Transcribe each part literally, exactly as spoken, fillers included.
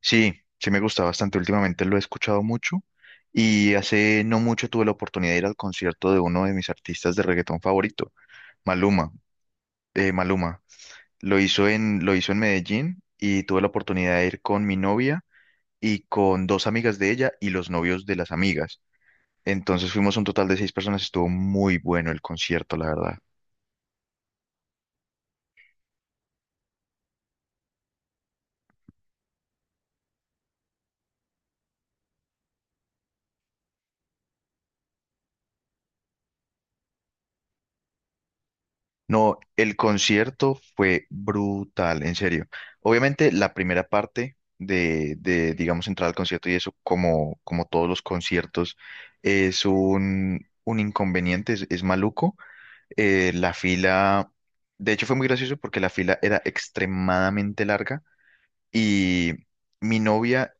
Sí, sí me gusta bastante. Últimamente lo he escuchado mucho y hace no mucho tuve la oportunidad de ir al concierto de uno de mis artistas de reggaetón favorito, Maluma. eh, Maluma. Lo hizo en, lo hizo en Medellín y tuve la oportunidad de ir con mi novia y con dos amigas de ella y los novios de las amigas. Entonces fuimos un total de seis personas. Estuvo muy bueno el concierto, la verdad. No, el concierto fue brutal, en serio. Obviamente la primera parte de, de, digamos, entrar al concierto y eso, como, como todos los conciertos, es un, un inconveniente, es, es maluco. Eh, la fila, de hecho fue muy gracioso porque la fila era extremadamente larga y mi novia,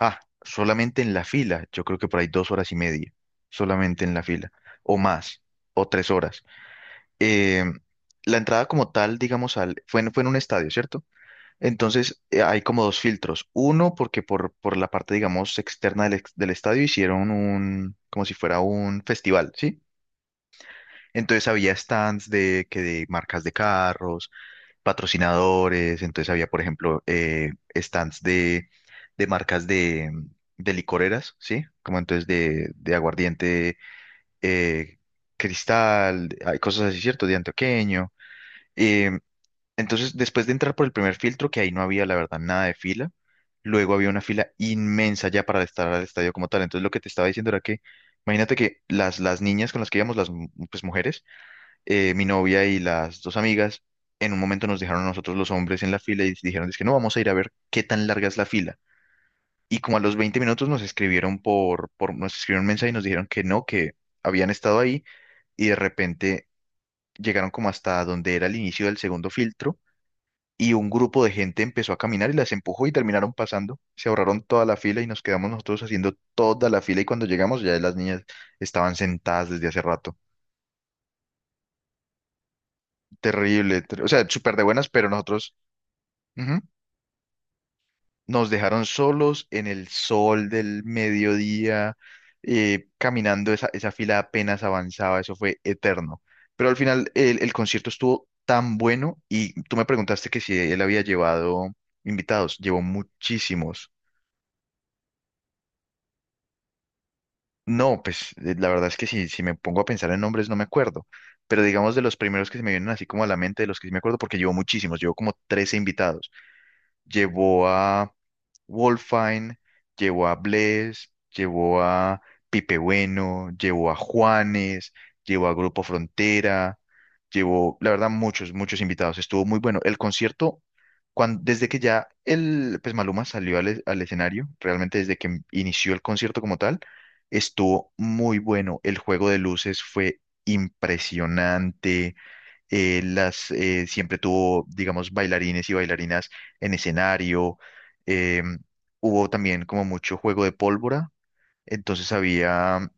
ah, solamente en la fila, yo creo que por ahí dos horas y media, solamente en la fila, o más, o tres horas. eh, la entrada como tal, digamos, al, fue, en, fue en un estadio, ¿cierto? Entonces, eh, hay como dos filtros. Uno, porque por, por la parte, digamos, externa del, ex- del estadio hicieron un, como si fuera un festival, ¿sí? Entonces había stands de, que de marcas de carros, patrocinadores, entonces había, por ejemplo, eh, stands de, de marcas de, de licoreras, ¿sí? Como entonces de, de aguardiente, eh, cristal, hay cosas así, ¿cierto? De antioqueño. eh, entonces, después de entrar por el primer filtro, que ahí no había, la verdad, nada de fila, luego había una fila inmensa ya para estar al estadio como tal. Entonces, lo que te estaba diciendo era que, imagínate que las, las niñas con las que íbamos, las mu- pues, mujeres, eh, mi novia y las dos amigas, en un momento nos dejaron a nosotros los hombres en la fila y dijeron, es que no, vamos a ir a ver qué tan larga es la fila. Y como a los veinte minutos nos escribieron por, por, nos escribieron un mensaje y nos dijeron que no, que habían estado ahí y de repente llegaron como hasta donde era el inicio del segundo filtro y un grupo de gente empezó a caminar y las empujó y terminaron pasando. Se ahorraron toda la fila y nos quedamos nosotros haciendo toda la fila y cuando llegamos ya las niñas estaban sentadas desde hace rato. Terrible, ter- o sea, súper de buenas, pero nosotros, ujú, nos dejaron solos en el sol del mediodía, eh, caminando, esa, esa fila apenas avanzaba, eso fue eterno. Pero al final el, el concierto estuvo tan bueno y tú me preguntaste que si él había llevado invitados, llevó muchísimos. No, pues eh, la verdad es que si, si me pongo a pensar en nombres no me acuerdo, pero digamos de los primeros que se me vienen así como a la mente, de los que sí me acuerdo, porque llevo muchísimos, llevo como trece invitados. Llevó a Wolfine, llevó a Bless, llevó a Pipe Bueno, llevó a Juanes, llevó a Grupo Frontera, llevó, la verdad, muchos, muchos invitados. Estuvo muy bueno. El concierto, cuan- desde que ya el, pues Maluma salió al, e- al escenario, realmente desde que em-, inició el concierto como tal, estuvo muy bueno. El juego de luces fue impresionante. Eh, las, eh, siempre tuvo, digamos, bailarines y bailarinas en escenario. eh, Hubo también como mucho juego de pólvora. Entonces había,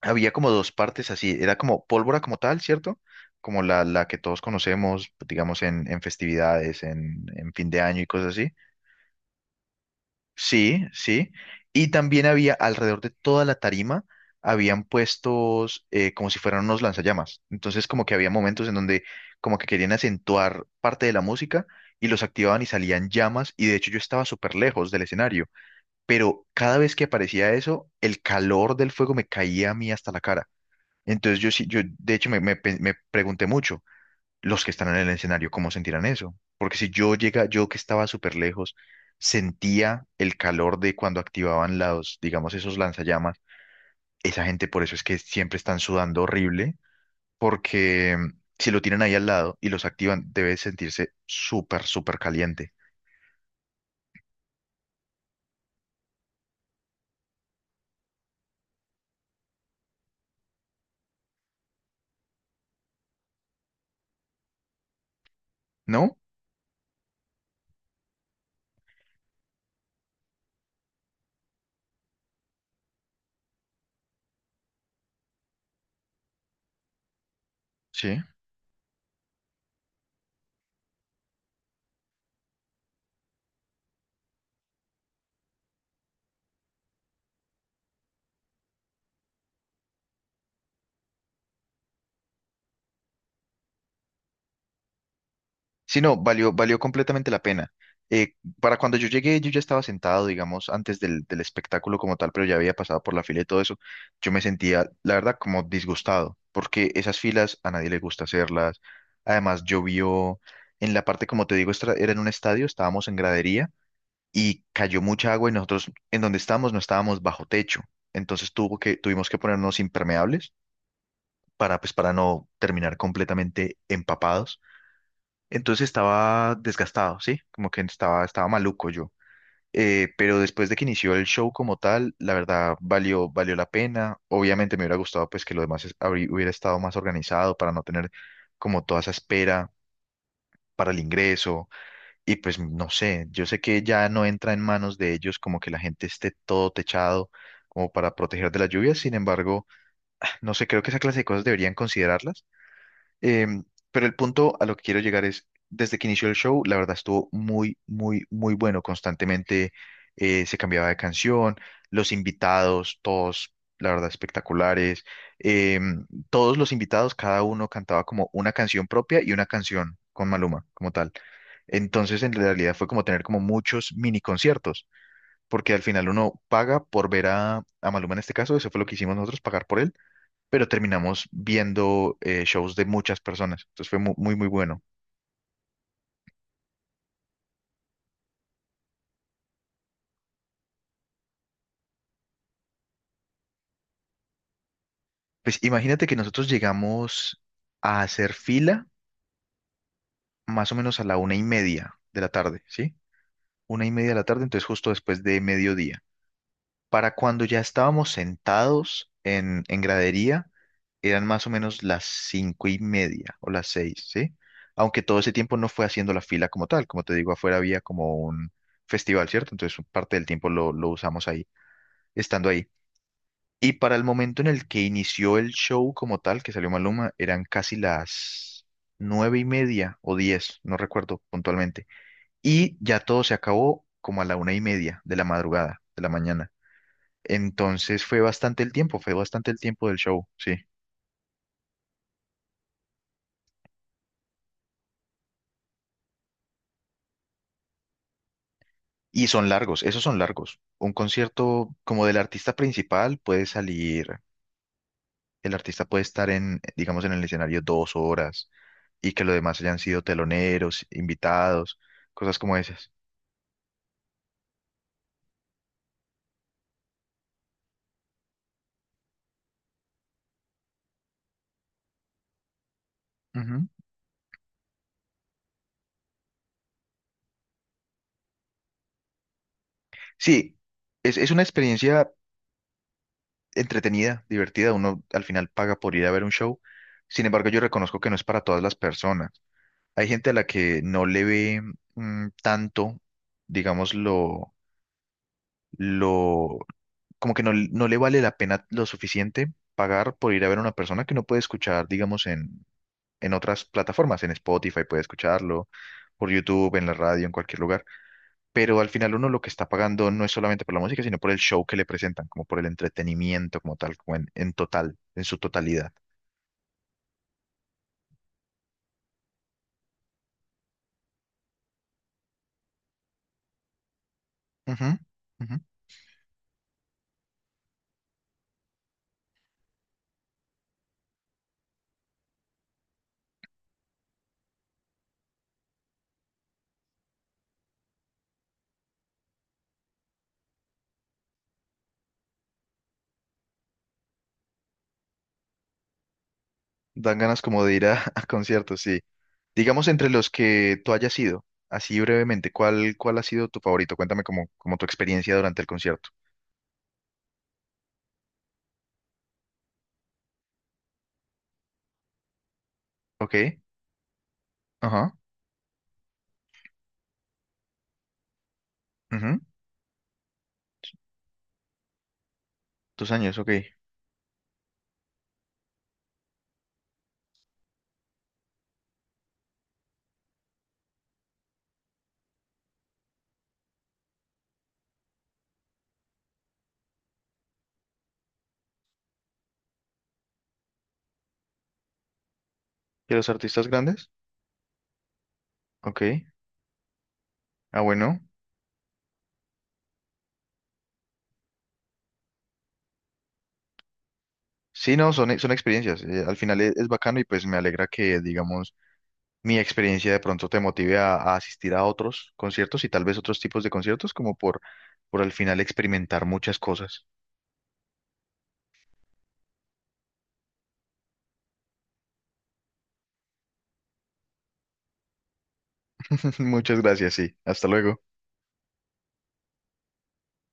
había como dos partes así. Era como pólvora como tal, ¿cierto? Como la, la que todos conocemos, digamos, en, en festividades, en, en fin de año y cosas así. Sí, sí. Y también había alrededor de toda la tarima, habían puestos, eh, como si fueran unos lanzallamas. Entonces como que había momentos en donde como que querían acentuar parte de la música y los activaban y salían llamas. Y de hecho yo estaba súper lejos del escenario. Pero cada vez que aparecía eso, el calor del fuego me caía a mí hasta la cara. Entonces yo sí, yo de hecho me, me pe- me pregunté mucho, los que están en el escenario, cómo sentirán eso. Porque si yo llega, yo que estaba súper lejos, sentía el calor de cuando activaban los, digamos, esos lanzallamas, esa gente por eso es que siempre están sudando horrible, porque mm, si lo tienen ahí al lado y los activan, debe sentirse súper, súper caliente, ¿no? Sí. Sí, no, valió, valió completamente la pena. Eh, para cuando yo llegué, yo ya estaba sentado, digamos, antes del, del espectáculo como tal, pero ya había pasado por la fila y todo eso. Yo me sentía, la verdad, como disgustado, porque esas filas a nadie le gusta hacerlas. Además, llovió en la parte, como te digo, estra- era en un estadio, estábamos en gradería y cayó mucha agua y nosotros en donde estábamos no estábamos bajo techo. Entonces tuvo que, tuvimos que ponernos impermeables para, pues, para no terminar completamente empapados, entonces estaba desgastado, ¿sí? Como que estaba, estaba maluco yo. Eh, pero después de que inició el show como tal, la verdad valió, valió la pena. Obviamente me hubiera gustado pues que lo demás es- habrí- hubiera estado más organizado para no tener como toda esa espera para el ingreso. Y pues no sé, yo sé que ya no entra en manos de ellos como que la gente esté todo techado como para proteger de la lluvia. Sin embargo, no sé, creo que esa clase de cosas deberían considerarlas. Em, pero el punto a lo que quiero llegar es, desde que inició el show, la verdad estuvo muy, muy, muy bueno. Constantemente eh, se cambiaba de canción, los invitados, todos, la verdad, espectaculares. Em, todos los invitados, cada uno cantaba como una canción propia y una canción con Maluma, como tal. Entonces, en realidad fue como tener como muchos mini conciertos, porque al final uno paga por ver a, a Maluma en este caso, eso fue lo que hicimos nosotros, pagar por él, pero terminamos viendo, eh, shows de muchas personas. Entonces fue mu- muy, muy, bueno. Pues imagínate que nosotros llegamos a hacer fila más o menos a la una y media de la tarde, ¿sí? Una y media de la tarde, entonces justo después de mediodía. Para cuando ya estábamos sentados en, en gradería, eran más o menos las cinco y media o las seis, ¿sí? Aunque todo ese tiempo no fue haciendo la fila como tal, como te digo, afuera había como un festival, ¿cierto? Entonces parte del tiempo lo, lo usamos ahí, estando ahí. Y para el momento en el que inició el show como tal, que salió Maluma, eran casi las nueve y media o diez, no recuerdo puntualmente. Y ya todo se acabó como a la una y media de la madrugada, de la mañana. Entonces fue bastante el tiempo, fue bastante el tiempo del show, sí. Y son largos, esos son largos. Un concierto como del artista principal puede salir, el artista puede estar en, digamos, en el escenario dos horas y que los demás hayan sido teloneros, invitados, cosas como esas. Sí, es, es una experiencia entretenida, divertida. Uno al final paga por ir a ver un show. Sin embargo, yo reconozco que no es para todas las personas. Hay gente a la que no le ve, mm, tanto, digamos, lo, lo, como que no, l- no le vale la pena lo suficiente pagar por ir a ver a una persona que no puede escuchar, digamos, en, en otras plataformas, en Spotify puede escucharlo, por YouTube, en la radio, en cualquier lugar. Pero al final uno lo que está pagando no es solamente por la música, sino por el show que le presentan, como por el entretenimiento como tal, como en, en total, en su totalidad. Ujú, ujú. Dan ganas como de ir a, a conciertos, sí. Digamos entre los que tú hayas ido, así brevemente, ¿cuál, cuál ha sido tu favorito? Cuéntame como, como tu experiencia durante el concierto. Ok, ajá, ujú. Tus años, ok. ¿Y los artistas grandes? Ok, ah, bueno. Sí, no, son, son experiencias. Eh, al final es, es bacano y pues me alegra que, digamos, mi experiencia de pronto te motive a, a asistir a otros conciertos y tal vez otros tipos de conciertos, como por, por al final experimentar muchas cosas. Muchas gracias, sí. Hasta luego.